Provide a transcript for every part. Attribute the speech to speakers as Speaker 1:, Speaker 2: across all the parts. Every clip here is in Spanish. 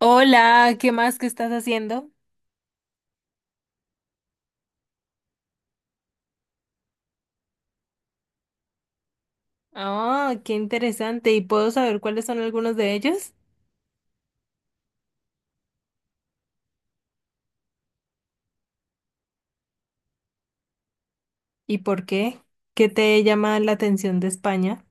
Speaker 1: Hola, ¿qué más que estás haciendo? Ah, qué interesante. ¿Y puedo saber cuáles son algunos de ellos? ¿Y por qué? ¿Qué te llama la atención de España?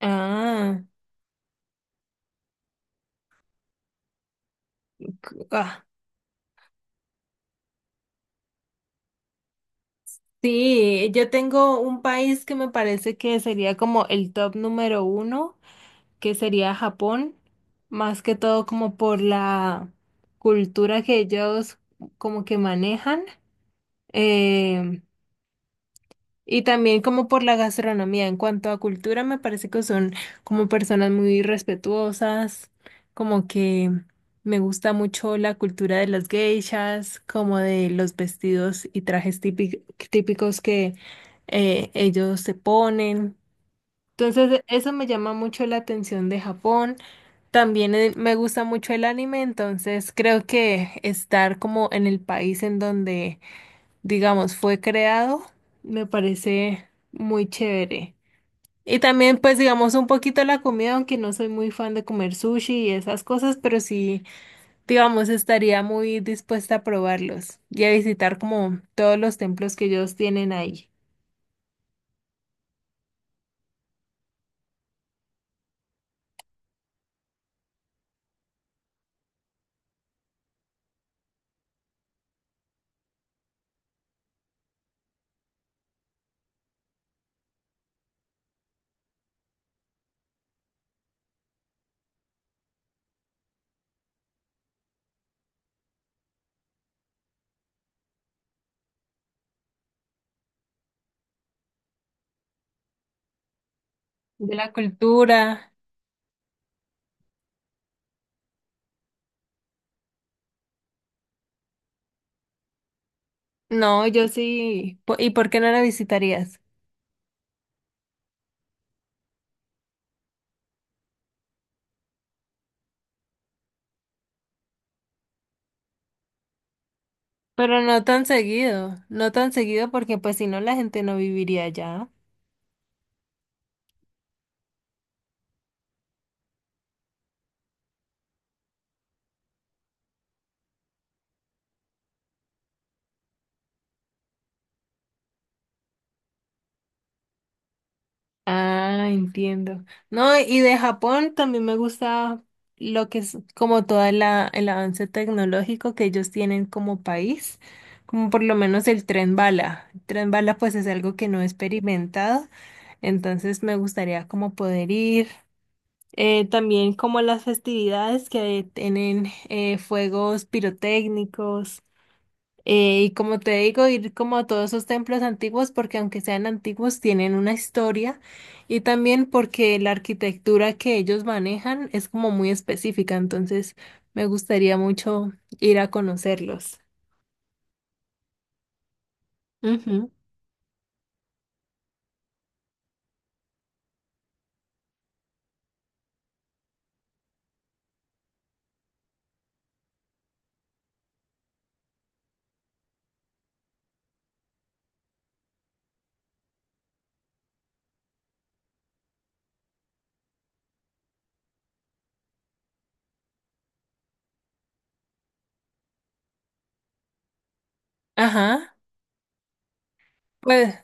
Speaker 1: Ah, ah, sí, yo tengo un país que me parece que sería como el top número 1, que sería Japón, más que todo como por la cultura que ellos como que manejan. eh, Y también como por la gastronomía. En cuanto a cultura, me parece que son como personas muy respetuosas, como que me gusta mucho la cultura de las geishas, como de los vestidos y trajes típicos que ellos se ponen. Entonces, eso me llama mucho la atención de Japón. También, me gusta mucho el anime, entonces creo que estar como en el país en donde, digamos, fue creado, me parece muy chévere. Y también, pues, digamos, un poquito la comida, aunque no soy muy fan de comer sushi y esas cosas, pero sí, digamos, estaría muy dispuesta a probarlos y a visitar como todos los templos que ellos tienen ahí, de la cultura. No, yo sí. ¿Y por qué no la visitarías? Pero no tan seguido, no tan seguido, porque pues si no la gente no viviría allá. Ah, entiendo. No, y de Japón también me gusta lo que es como todo el avance tecnológico que ellos tienen como país, como por lo menos el tren bala. El tren bala pues es algo que no he experimentado, entonces me gustaría como poder ir. También como las festividades que tienen, fuegos pirotécnicos. Y como te digo, ir como a todos esos templos antiguos, porque aunque sean antiguos, tienen una historia, y también porque la arquitectura que ellos manejan es como muy específica, entonces me gustaría mucho ir a conocerlos. Ujú. Ajá. Pues,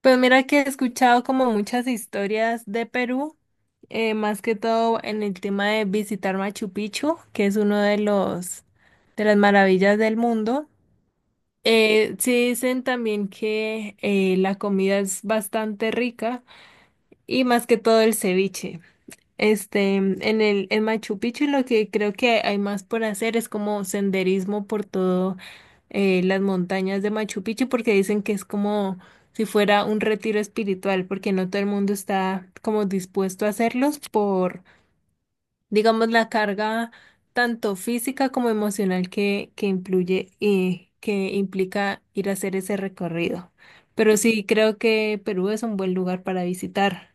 Speaker 1: pues mira que he escuchado como muchas historias de Perú. Más que todo en el tema de visitar Machu Picchu, que es uno de los, de las maravillas del mundo. Sí dicen también que, la comida es bastante rica, y más que todo el ceviche. Este, en el, en Machu Picchu, lo que creo que hay más por hacer es como senderismo por todo, las montañas de Machu Picchu, porque dicen que es como si fuera un retiro espiritual, porque no todo el mundo está como dispuesto a hacerlos por, digamos, la carga tanto física como emocional que influye y que implica ir a hacer ese recorrido. Pero sí, creo que Perú es un buen lugar para visitar.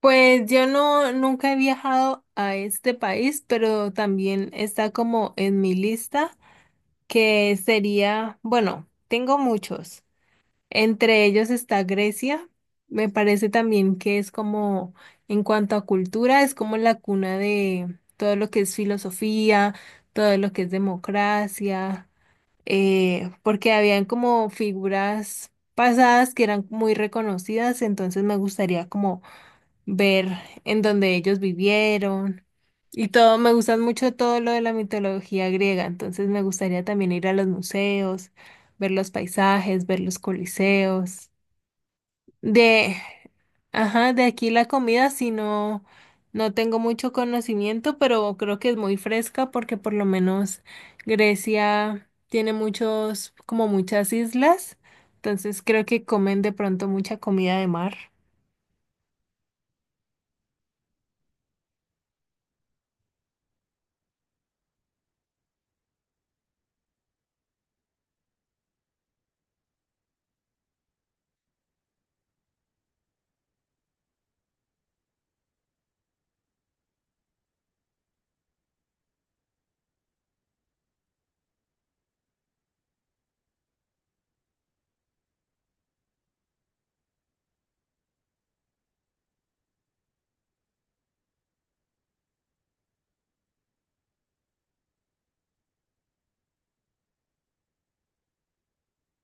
Speaker 1: Pues yo no, nunca he viajado a este país, pero también está como en mi lista, que sería, bueno, tengo muchos. Entre ellos está Grecia. Me parece también que es como, en cuanto a cultura, es como la cuna de todo lo que es filosofía, todo lo que es democracia. Porque habían como figuras pasadas que eran muy reconocidas, entonces me gustaría como ver en donde ellos vivieron y todo. Me gustan mucho todo lo de la mitología griega, entonces me gustaría también ir a los museos, ver los paisajes, ver los coliseos. De, ajá, de aquí la comida, si no, no tengo mucho conocimiento, pero creo que es muy fresca porque por lo menos Grecia tiene muchos, como muchas islas, entonces creo que comen de pronto mucha comida de mar.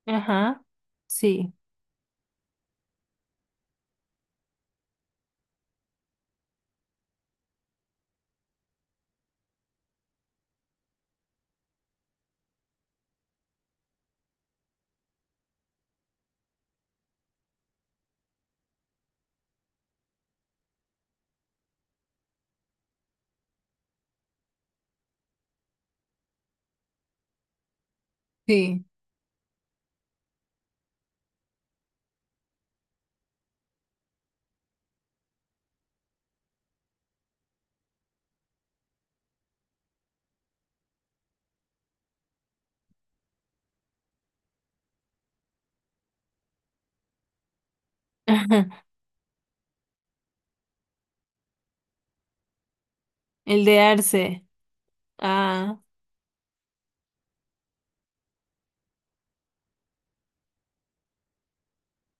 Speaker 1: Ajá, sí, sí. El de Arce. Ah,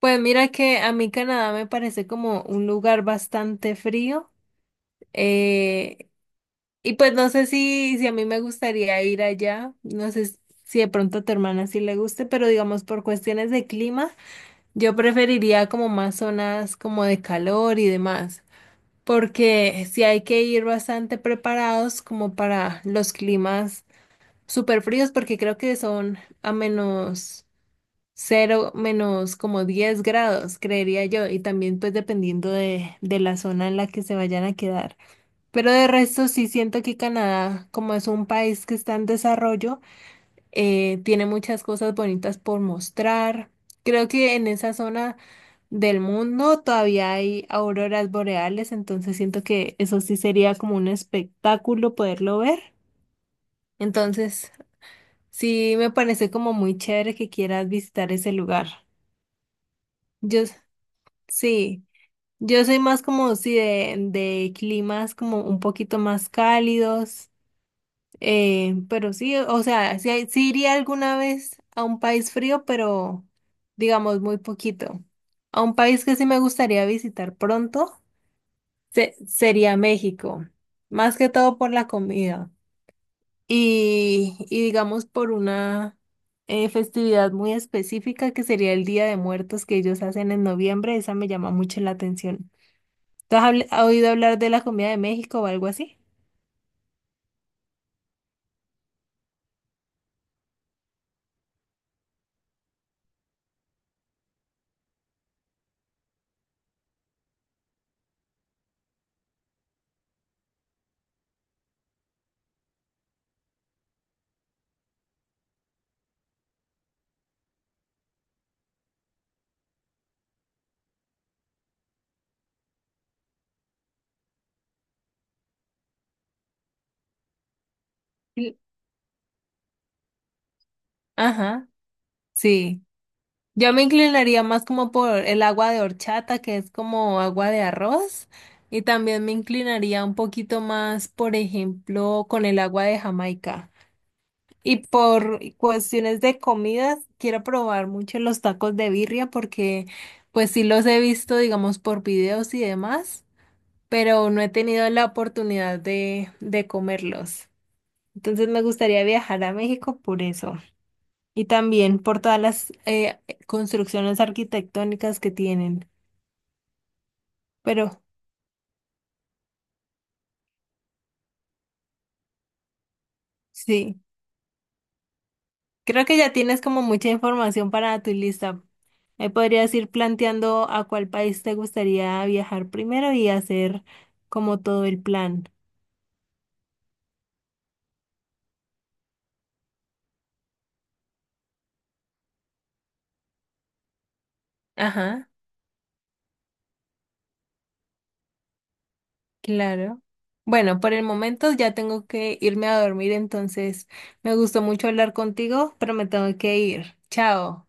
Speaker 1: pues mira que a mí Canadá me parece como un lugar bastante frío. eh, y pues no sé si, si a mí me gustaría ir allá. No sé si de pronto a tu hermana sí le guste, pero digamos por cuestiones de clima, yo preferiría como más zonas como de calor y demás. Porque sí hay que ir bastante preparados como para los climas súper fríos, porque creo que son a menos. Cero menos como 10 grados, creería yo, y también pues dependiendo de la zona en la que se vayan a quedar. Pero de resto sí siento que Canadá, como es un país que está en desarrollo, tiene muchas cosas bonitas por mostrar. Creo que en esa zona del mundo todavía hay auroras boreales, entonces siento que eso sí sería como un espectáculo poderlo ver. Entonces sí me parece como muy chévere que quieras visitar ese lugar. Yo sí, yo soy más como sí de climas como un poquito más cálidos, pero sí, o sea, sí, sí iría alguna vez a un país frío, pero digamos muy poquito. A un país que sí me gustaría visitar pronto sería México, más que todo por la comida y digamos por una, festividad muy específica que sería el Día de Muertos que ellos hacen en noviembre, esa me llama mucho la atención. ¿Tú has has oído hablar de la comida de México o algo así? Sí. Ajá, sí. Yo me inclinaría más como por el agua de horchata, que es como agua de arroz, y también me inclinaría un poquito más, por ejemplo, con el agua de Jamaica. Y por cuestiones de comidas, quiero probar mucho los tacos de birria, porque pues sí los he visto, digamos, por videos y demás, pero no he tenido la oportunidad de comerlos. Entonces me gustaría viajar a México por eso, y también por todas las, construcciones arquitectónicas que tienen. Pero sí, creo que ya tienes como mucha información para tu lista. Ahí podrías ir planteando a cuál país te gustaría viajar primero y hacer como todo el plan. Ajá, claro. Bueno, por el momento ya tengo que irme a dormir, entonces me gustó mucho hablar contigo, pero me tengo que ir. Chao.